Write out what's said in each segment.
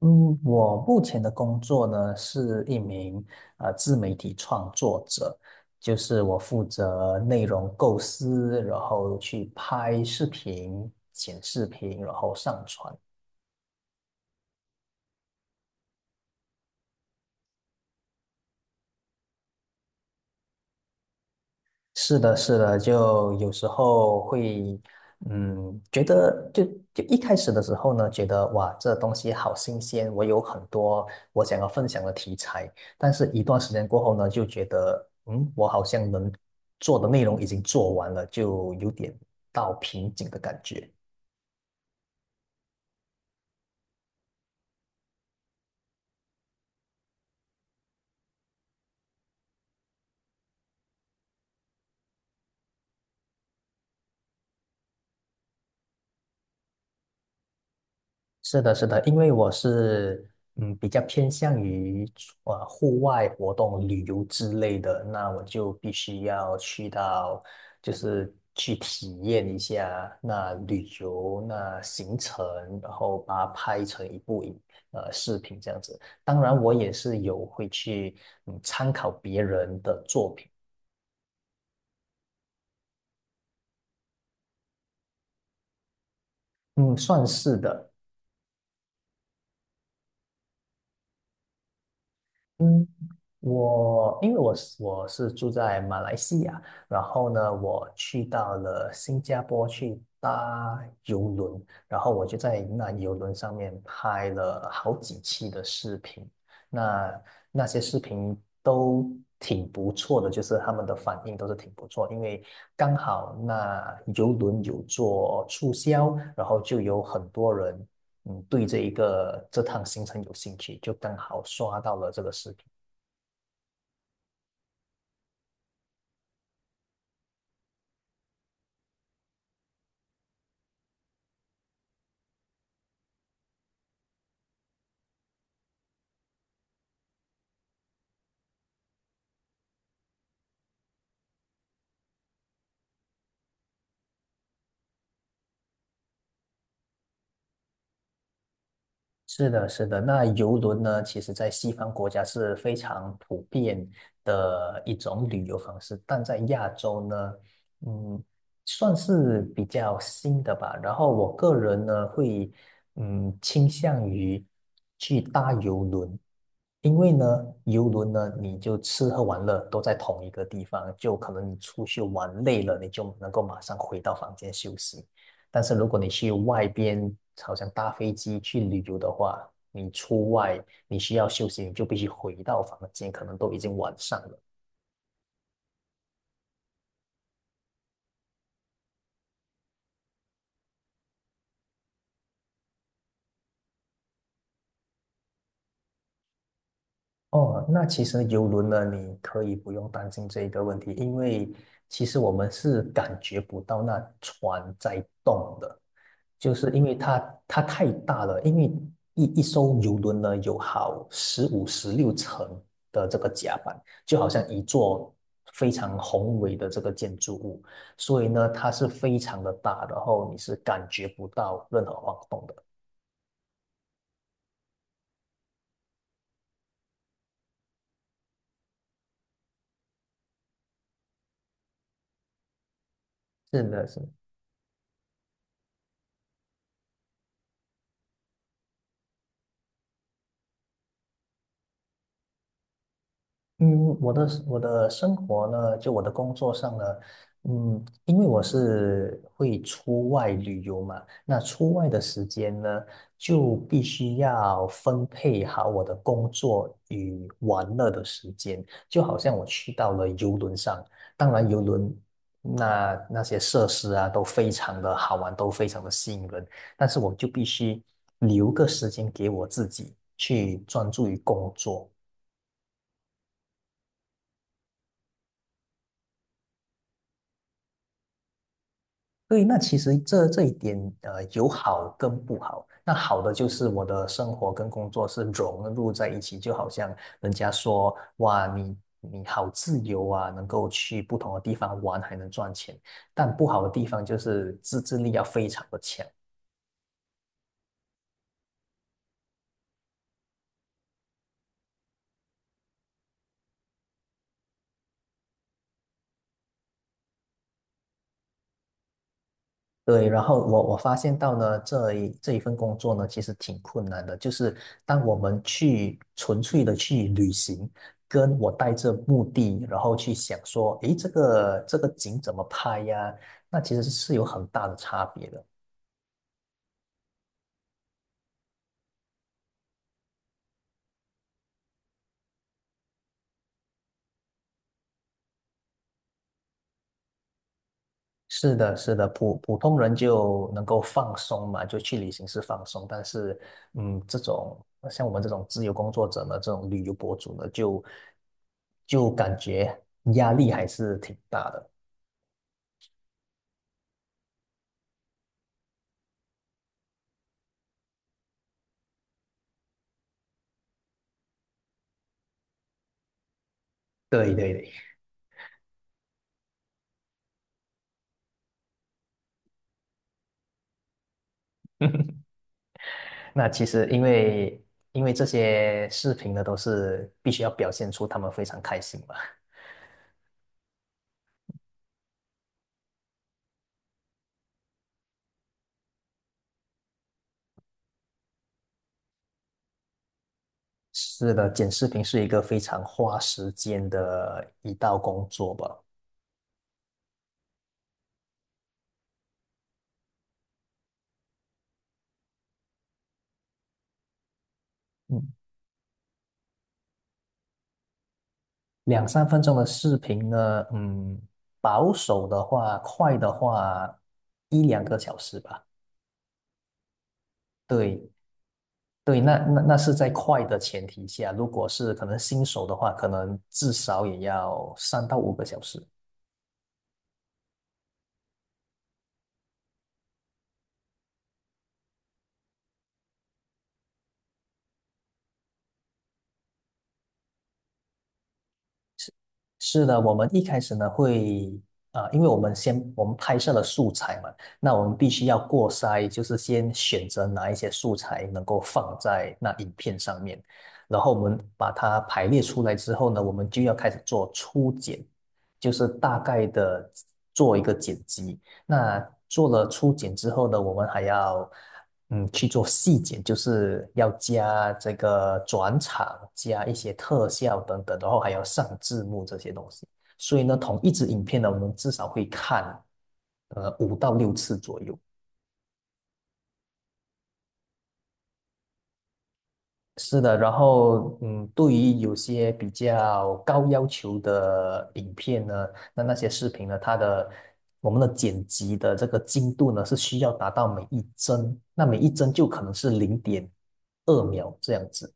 嗯，我目前的工作呢是一名自媒体创作者，就是我负责内容构思，然后去拍视频、剪视频，然后上传。是的，是的，就有时候会，觉得就一开始的时候呢，觉得哇，这东西好新鲜，我有很多我想要分享的题材，但是一段时间过后呢，就觉得，我好像能做的内容已经做完了，就有点到瓶颈的感觉。是的，是的，因为我是比较偏向于户外活动、旅游之类的，那我就必须要去到，就是去体验一下那旅游那行程，然后把它拍成一部视频这样子。当然，我也是有会去参考别人的作品，嗯，算是的。嗯。我因为我是住在马来西亚，然后呢，我去到了新加坡去搭邮轮，然后我就在那邮轮上面拍了好几期的视频，那那些视频都挺不错的，就是他们的反应都是挺不错，因为刚好那邮轮有做促销，然后就有很多人对这一个这趟行程有兴趣，就刚好刷到了这个视频。是的，是的。那游轮呢，其实在西方国家是非常普遍的一种旅游方式，但在亚洲呢，嗯，算是比较新的吧。然后我个人呢，会倾向于去搭游轮，因为呢，游轮呢，你就吃喝玩乐都在同一个地方，就可能你出去玩累了，你就能够马上回到房间休息。但是如果你去外边，好像搭飞机去旅游的话，你出外你需要休息，你就必须回到房间，可能都已经晚上了。哦，那其实游轮呢，你可以不用担心这一个问题，因为其实我们是感觉不到那船在动的，就是因为它太大了，因为一艘游轮呢有好15、16层的这个甲板，就好像一座非常宏伟的这个建筑物，所以呢它是非常的大，然后你是感觉不到任何晃动的，是的，是。嗯，我的生活呢，就我的工作上呢，因为我是会出外旅游嘛，那出外的时间呢，就必须要分配好我的工作与玩乐的时间。就好像我去到了游轮上，当然游轮那些设施啊，都非常的好玩，都非常的吸引人，但是我就必须留个时间给我自己去专注于工作。对，那其实这一点，有好跟不好。那好的就是我的生活跟工作是融入在一起，就好像人家说，哇，你好自由啊，能够去不同的地方玩，还能赚钱。但不好的地方就是自制力要非常的强，对，然后我发现到呢，这一份工作呢，其实挺困难的。就是当我们去纯粹的去旅行，跟我带着目的，然后去想说，诶，这个景怎么拍呀？那其实是有很大的差别的。是的，是的，普通人就能够放松嘛，就去旅行是放松，但是，这种像我们这种自由工作者呢，这种旅游博主呢，就感觉压力还是挺大的。对对对，那其实因为这些视频呢，都是必须要表现出他们非常开心嘛。是的，剪视频是一个非常花时间的一道工作吧。嗯，两三分钟的视频呢，保守的话，快的话一两个小时吧。对对，那是在快的前提下，如果是可能新手的话，可能至少也要3到5个小时。是的，我们一开始呢会，啊，因为我们拍摄了素材嘛，那我们必须要过筛，就是先选择哪一些素材能够放在那影片上面，然后我们把它排列出来之后呢，我们就要开始做初剪，就是大概的做一个剪辑，那做了初剪之后呢，我们还要去做细剪，就是要加这个转场，加一些特效等等，然后还要上字幕这些东西。所以呢，同一支影片呢，我们至少会看5到6次左右。是的，然后对于有些比较高要求的影片呢，那些视频呢，我们的剪辑的这个精度呢，是需要达到每一帧，那每一帧就可能是0.2秒这样子。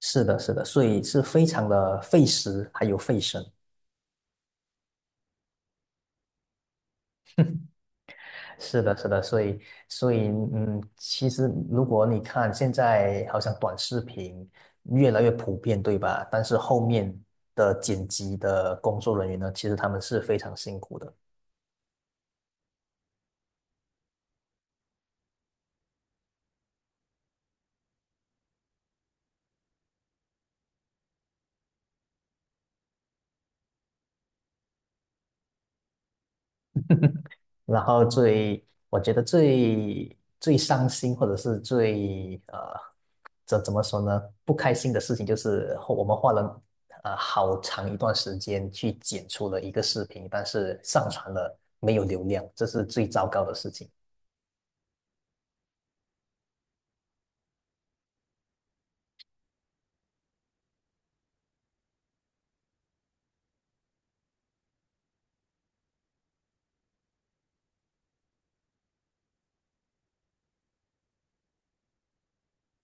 是的，是的，所以是非常的费时还有费神。是的，是的，所以，其实如果你看现在好像短视频越来越普遍，对吧？但是后面的剪辑的工作人员呢，其实他们是非常辛苦的。然后我觉得最伤心或者是最怎么说呢？不开心的事情就是后我们花了好长一段时间去剪出了一个视频，但是上传了没有流量，这是最糟糕的事情。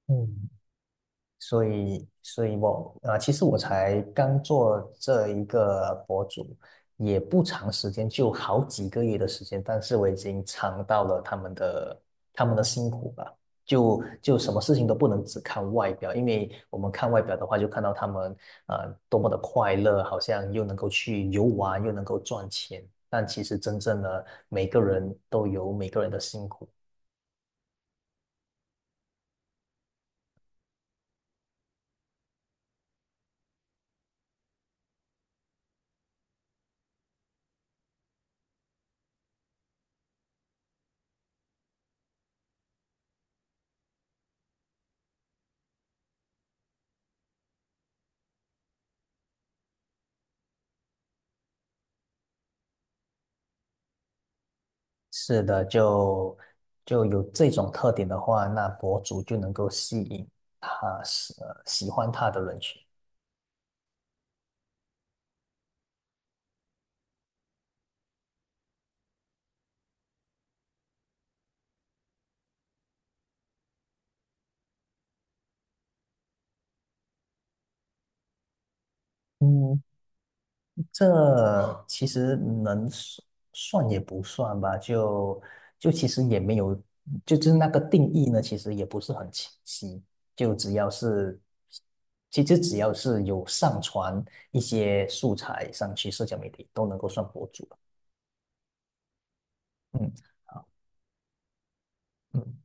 嗯，所以，我啊、其实我才刚做这一个博主，也不长时间，就好几个月的时间，但是我已经尝到了他们的辛苦吧。就什么事情都不能只看外表，因为我们看外表的话，就看到他们多么的快乐，好像又能够去游玩，又能够赚钱，但其实真正的每个人都有每个人的辛苦。是的，就有这种特点的话，那博主就能够吸引他喜欢他的人群。嗯，这其实能算也不算吧，就其实也没有，就是那个定义呢，其实也不是很清晰。就只要是，其实只要是有上传一些素材上去社交媒体，都能够算博主了。嗯嗯。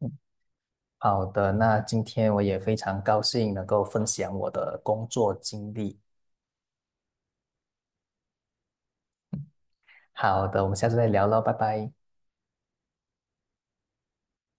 嗯好的，那今天我也非常高兴能够分享我的工作经历。好的，我们下次再聊喽，拜拜。